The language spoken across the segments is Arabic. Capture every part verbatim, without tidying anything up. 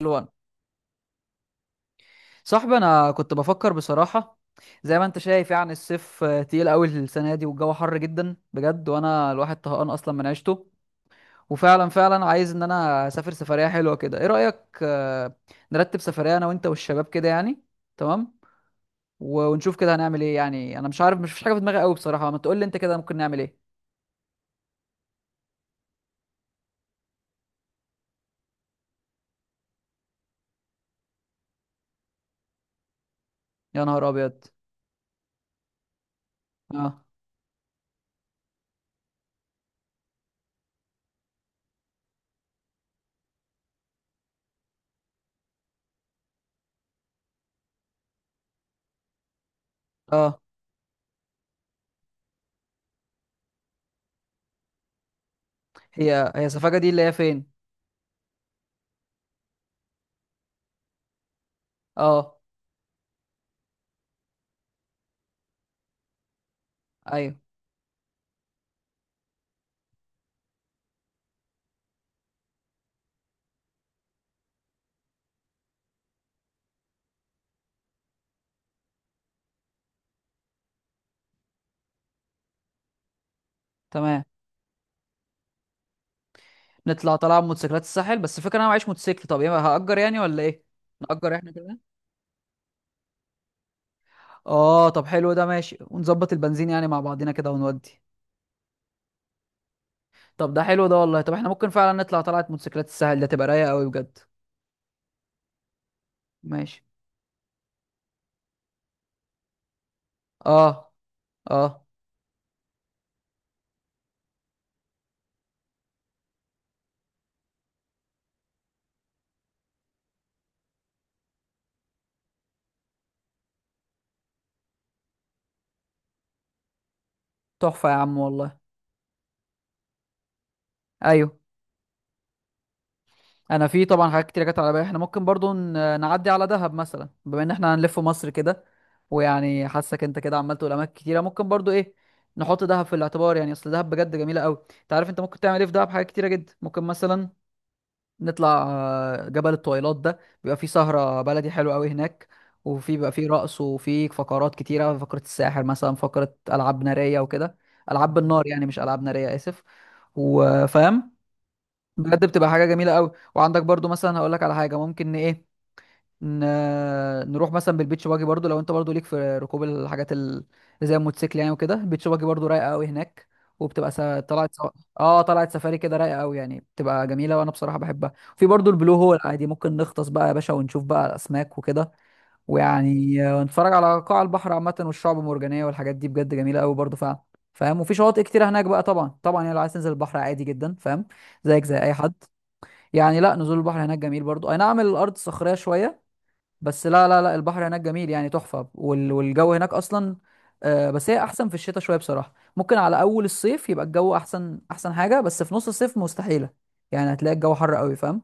الوان، صاحبي، انا كنت بفكر بصراحه. زي ما انت شايف يعني الصيف آه، تقيل قوي السنه دي، والجو حر جدا بجد، وانا الواحد طهقان اصلا من عيشته. وفعلا فعلا عايز ان انا اسافر سفريه حلوه كده. ايه رايك آه، نرتب سفريه انا وانت والشباب كده يعني؟ تمام. و- ونشوف كده هنعمل ايه يعني. انا مش عارف، مش فيش حاجه في دماغي قوي بصراحه. ما تقول لي انت كده ممكن نعمل ايه. يا نهار ابيض. اه. اه. هي هي سفاجه دي اللي هي فين؟ اه. ايوه. تمام. نطلع طلعه بموتوسيكلات الساحل، بس الفكره انا معيش موتوسيكل. طب ايه، هأجر يعني ولا ايه؟ نأجر احنا كده. اه طب حلو، ده ماشي. ونظبط البنزين يعني مع بعضينا كده ونودي. طب ده حلو ده، والله. طب احنا ممكن فعلا نطلع طلعه موتوسيكلات الساحل، ده تبقى رايقه قوي بجد. ماشي. اه. اه. تحفه يا عم، والله. ايوه. انا في طبعا حاجات كتير جت على بالي. احنا ممكن برضو ن- نعدي على دهب مثلا، بما ان احنا هنلف مصر كده. ويعني حاسك انت كده عمال تقول اماكن كتيره، ممكن برضو ايه، نحط دهب في الاعتبار. يعني اصل دهب بجد جميله قوي. انت عارف انت ممكن تعمل ايه في دهب؟ حاجات كتيره جدا. ممكن مثلا نطلع آه، جبل الطويلات، ده بيبقى فيه سهره بلدي حلوه قوي هناك. وفي بيبقى فيه رقص، وفي فقرات كتيره، فقره الساحر مثلا، فقره العاب ناريه وكده. العاب بالنار يعني، مش العاب ناريه، اسف. وفاهم. بجد بتبقى حاجه جميله قوي. وعندك برضو مثلا هقول لك على حاجه. ممكن ن- ايه ن... نروح مثلا بالبيتش باجي برضو، لو انت برضو ليك في ركوب الحاجات ال- اللي زي الموتوسيكل يعني وكده. البيتش باجي برضو رايقه قوي هناك. وبتبقى س... طلعت سو... اه، طلعت سفاري كده، رايقه قوي يعني، بتبقى جميله وانا بصراحه بحبها. في برضو البلو هول، عادي ممكن نغطس بقى يا باشا ونشوف بقى الاسماك وكده. ويعني آه، نتفرج على قاع البحر عامه، والشعب المرجانيه، والحاجات دي بجد جميله قوي برضو فعلا. فاهم. وفي شواطئ كتيره هناك بقى طبعا. طبعا يعني لو عايز تنزل البحر، عادي جدا فاهم، زيك زي اي حد. يعني لا، نزول البحر هناك جميل برضو. اي نعم، الارض صخريه شويه، بس لا لا لا، البحر هناك جميل يعني تحفه. وال... والجو هناك اصلا آه، بس هي احسن في الشتاء شويه بصراحه. ممكن على اول الصيف يبقى الجو احسن، احسن حاجه. بس في نص الصيف مستحيله يعني. هتلاقي الجو حر قوي فاهم.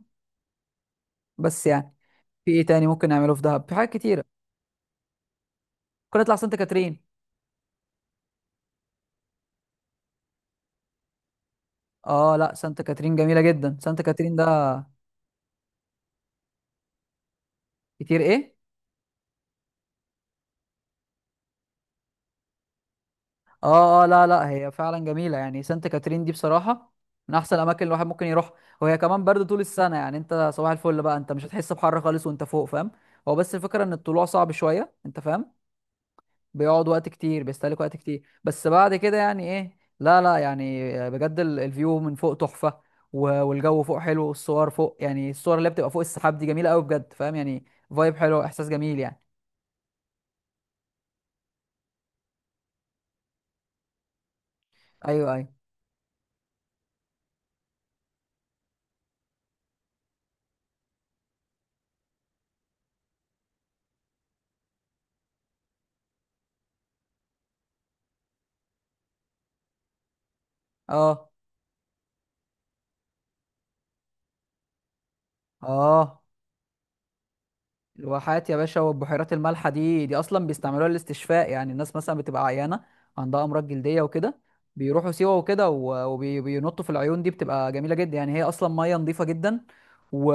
بس يعني في ايه تاني ممكن نعمله في دهب؟ في حاجات كتيره. ممكن نطلع سانت كاترين. اه لا، سانت كاترين جميله جدا. سانت كاترين ده كتير ايه. اه اه لا لا، هي فعلا جميله يعني. سانت كاترين دي بصراحه من احسن الاماكن الواحد ممكن يروح. وهي كمان برد طول السنه. يعني انت صباح الفل بقى، انت مش هتحس بحر خالص وانت فوق فاهم. هو بس الفكره ان الطلوع صعب شويه انت فاهم. بيقعد وقت كتير، بيستهلك وقت كتير. بس بعد كده يعني ايه، لا لا، يعني بجد ال- الفيو من فوق تحفه. و- والجو فوق حلو، والصور فوق يعني الصور اللي بتبقى فوق السحاب دي جميله قوي بجد فاهم يعني. فايب حلو، احساس جميل يعني. ايوه ايوه. اه اه. الواحات يا باشا، والبحيرات المالحة دي، دي أصلا بيستعملوها للاستشفاء. يعني الناس مثلا بتبقى عيانة، عندها أمراض جلدية وكده، بيروحوا سيوة وكده، وبينطوا في العيون دي. بتبقى جميلة جدا يعني. هي أصلا مية نظيفة جدا و...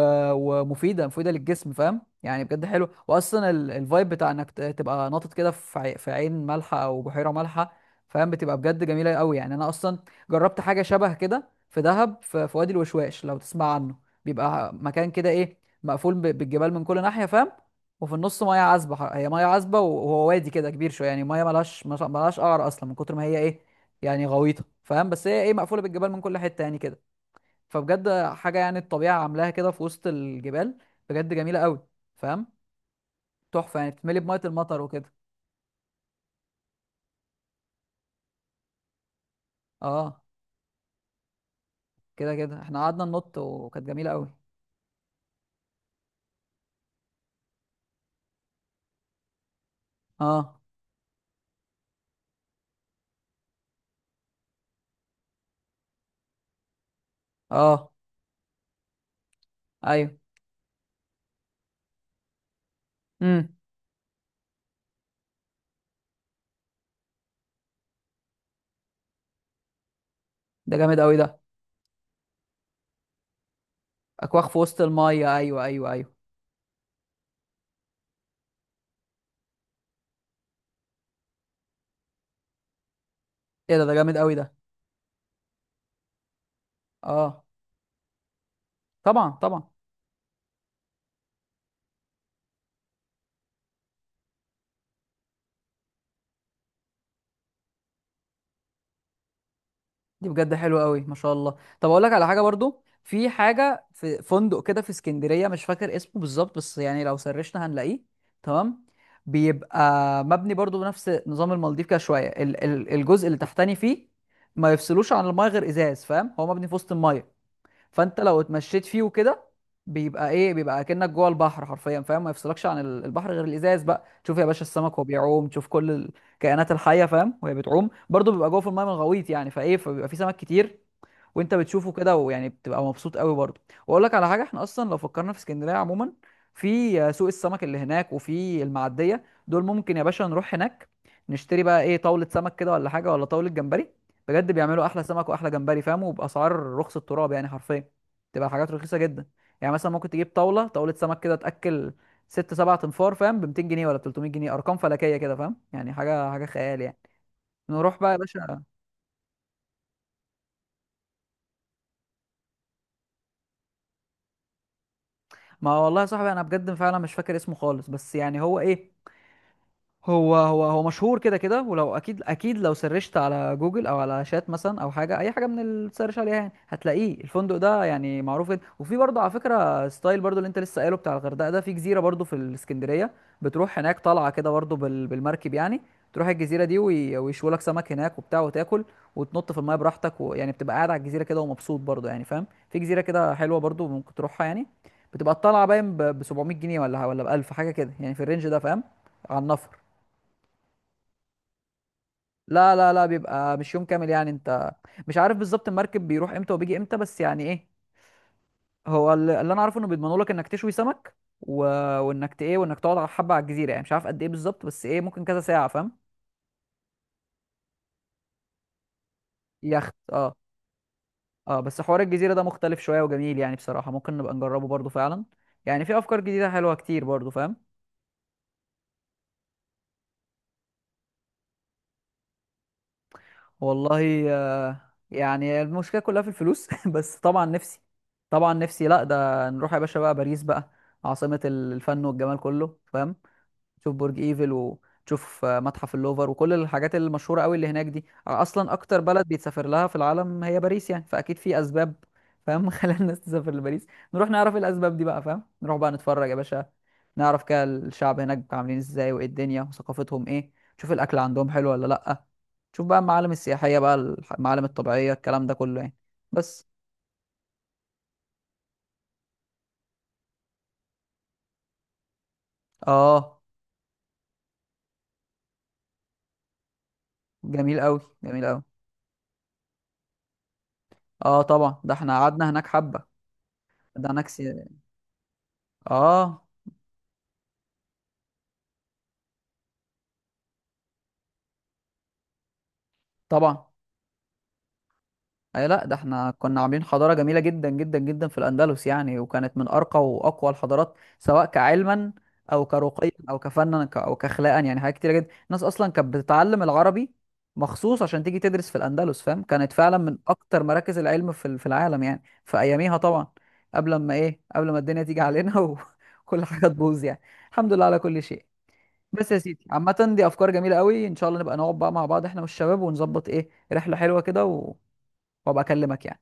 ومفيدة مفيدة للجسم فاهم يعني. بجد حلو. وأصلا ال... الفايب بتاع إنك ت- تبقى ناطط كده في عي... في عين مالحة أو بحيرة مالحة فاهم. بتبقى بجد جميلة قوي يعني. أنا أصلا جربت حاجة شبه كده في دهب في... في وادي الوشواش، لو تسمع عنه. بيبقى مكان كده ايه، مقفول ب- بالجبال من كل ناحيه فاهم. وفي النص ميه عذبه، ح- هي ميه عذبه. و- وهو وادي كده كبير شويه يعني. ميه ملهاش مش- ملهاش قعر اصلا من كتر ما هي ايه يعني، غويطه فاهم. بس هي ايه، مقفوله بالجبال من كل حته يعني كده. فبجد حاجه يعني. الطبيعه عاملاها كده في وسط الجبال. بجد جميله قوي فاهم. تحفه يعني. بتتملي بميه المطر وكده. اه كده كده احنا قعدنا ننط، وكانت جميله قوي. اه اه ايوه. امم. ده جامد قوي ده. اكواخ في وسط الميه، ايوه ايوه ايوه. ايه ده، ده جامد قوي ده. اه. طبعا طبعا. دي بجد حلوه قوي ما شاء الله. طب اقول لك على حاجه برضو. في حاجه في فندق كده في اسكندريه، مش فاكر اسمه بالظبط، بس يعني لو سرشنا هنلاقيه. تمام. بيبقى مبني برضو بنفس نظام المالديف كده شويه. ال- ال- الجزء اللي تحتني فيه ما يفصلوش عن المايه غير ازاز فاهم. هو مبني في وسط المايه. فانت لو اتمشيت فيه وكده، بيبقى ايه، بيبقى اكنك جوه البحر حرفيا فاهم. ما يفصلكش عن ال- البحر غير الازاز. بقى تشوف يا باشا السمك وهو بيعوم، تشوف كل الكائنات الحيه فاهم وهي بتعوم برضو. بيبقى جوه في المايه من غويط يعني، فايه، فبيبقى في سمك كتير وانت بتشوفه كده، ويعني بتبقى مبسوط قوي برضه. واقول لك على حاجه. احنا اصلا لو فكرنا في اسكندريه عموما، في سوق السمك اللي هناك وفي المعديه دول، ممكن يا باشا نروح هناك نشتري بقى ايه، طاوله سمك كده ولا حاجه، ولا طاوله جمبري. بجد بيعملوا احلى سمك واحلى جمبري فاهم، وباسعار رخص التراب يعني حرفيا. تبقى حاجات رخيصه جدا. يعني مثلا ممكن تجيب طاوله طاوله سمك كده، تاكل ست سبع تنفار فاهم ب مئتين جنيه ولا ثلاثمية جنيه. ارقام فلكيه كده فاهم يعني. حاجه حاجه خيال يعني. نروح بقى يا باشا. ما والله يا صاحبي، انا بجد فعلا مش فاكر اسمه خالص، بس يعني هو ايه، هو هو هو مشهور كده كده. ولو اكيد اكيد، لو سرشت على جوجل او على شات مثلا، او حاجه اي حاجه من اللي تسرش عليها، يعني هتلاقيه. الفندق ده يعني معروف جدا. وفي برضه على فكره، ستايل برضه اللي انت لسه قايله بتاع الغردقه ده، في جزيره برضه في الاسكندريه. بتروح هناك طالعه كده برضه بال- بالمركب يعني. تروح الجزيره دي وي- ويشوا لك سمك هناك وبتاع، وتاكل، وتنط في الميه براحتك. ويعني بتبقى قاعد على الجزيره كده ومبسوط برضه يعني فاهم. في جزيره كده حلوه برضه ممكن تروحها يعني. بتبقى الطالعه باين ب سبعمية جنيه ولا ولا ب ألف حاجه كده يعني، في الرينج ده فاهم. على النفر. لا لا لا، بيبقى مش يوم كامل يعني. انت مش عارف بالظبط المركب بيروح امتى وبيجي امتى، بس يعني ايه، هو ال- اللي انا عارفه انه بيضمنوا لك انك تشوي سمك و... وانك ت- ايه وانك تقعد على حبه على الجزيره. يعني مش عارف قد ايه بالظبط بس ايه، ممكن كذا ساعه فاهم. يخت اه. اه بس حوار الجزيره ده مختلف شويه وجميل يعني. بصراحه ممكن نبقى نجربه برضو فعلا. يعني في افكار جديده حلوه كتير برضو فاهم. والله آه. يعني المشكله كلها في الفلوس بس طبعا نفسي. طبعا نفسي لا، ده نروح يا باشا بقى باريس بقى، عاصمه الفن والجمال كله فاهم. تشوف برج ايفل، وتشوف آه، متحف اللوفر، وكل الحاجات المشهوره قوي اللي هناك. دي اصلا اكتر بلد بيتسافر لها في العالم هي باريس يعني، فاكيد في اسباب فاهم خلال الناس تسافر لباريس. نروح نعرف إيه الاسباب دي بقى فاهم. نروح بقى نتفرج يا باشا، نعرف كده الشعب هناك عاملين ازاي، وايه الدنيا، وثقافتهم ايه. تشوف الاكل عندهم حلو ولا لا. تشوف بقى المعالم السياحيه بقى، الح- المعالم الطبيعيه، الكلام ده كله يعني. بس اه. جميل قوي جميل قوي. اه طبعا، ده احنا قعدنا هناك حبه. ده هناك سي... اه طبعا. اي لا، ده احنا كنا عاملين حضاره جميله جدا جدا جدا في الاندلس يعني. وكانت من ارقى واقوى الحضارات، سواء كعلما او كرقيا او كفنا ك- او كاخلاقا. يعني حاجات كتيره جدا. الناس اصلا كانت بتتعلم العربي مخصوص عشان تيجي تدرس في الاندلس فاهم. كانت فعلا من اكتر مراكز العلم في ال- في العالم يعني في اياميها طبعا. قبل ما ايه، قبل ما الدنيا تيجي علينا وكل حاجه تبوظ يعني. الحمد لله على كل شيء. بس يا سيدي، عامه دي افكار جميله قوي. ان شاء الله نبقى نقعد بقى مع بعض احنا والشباب ونظبط ايه رحله حلوه كده و... وابقى اكلمك يعني.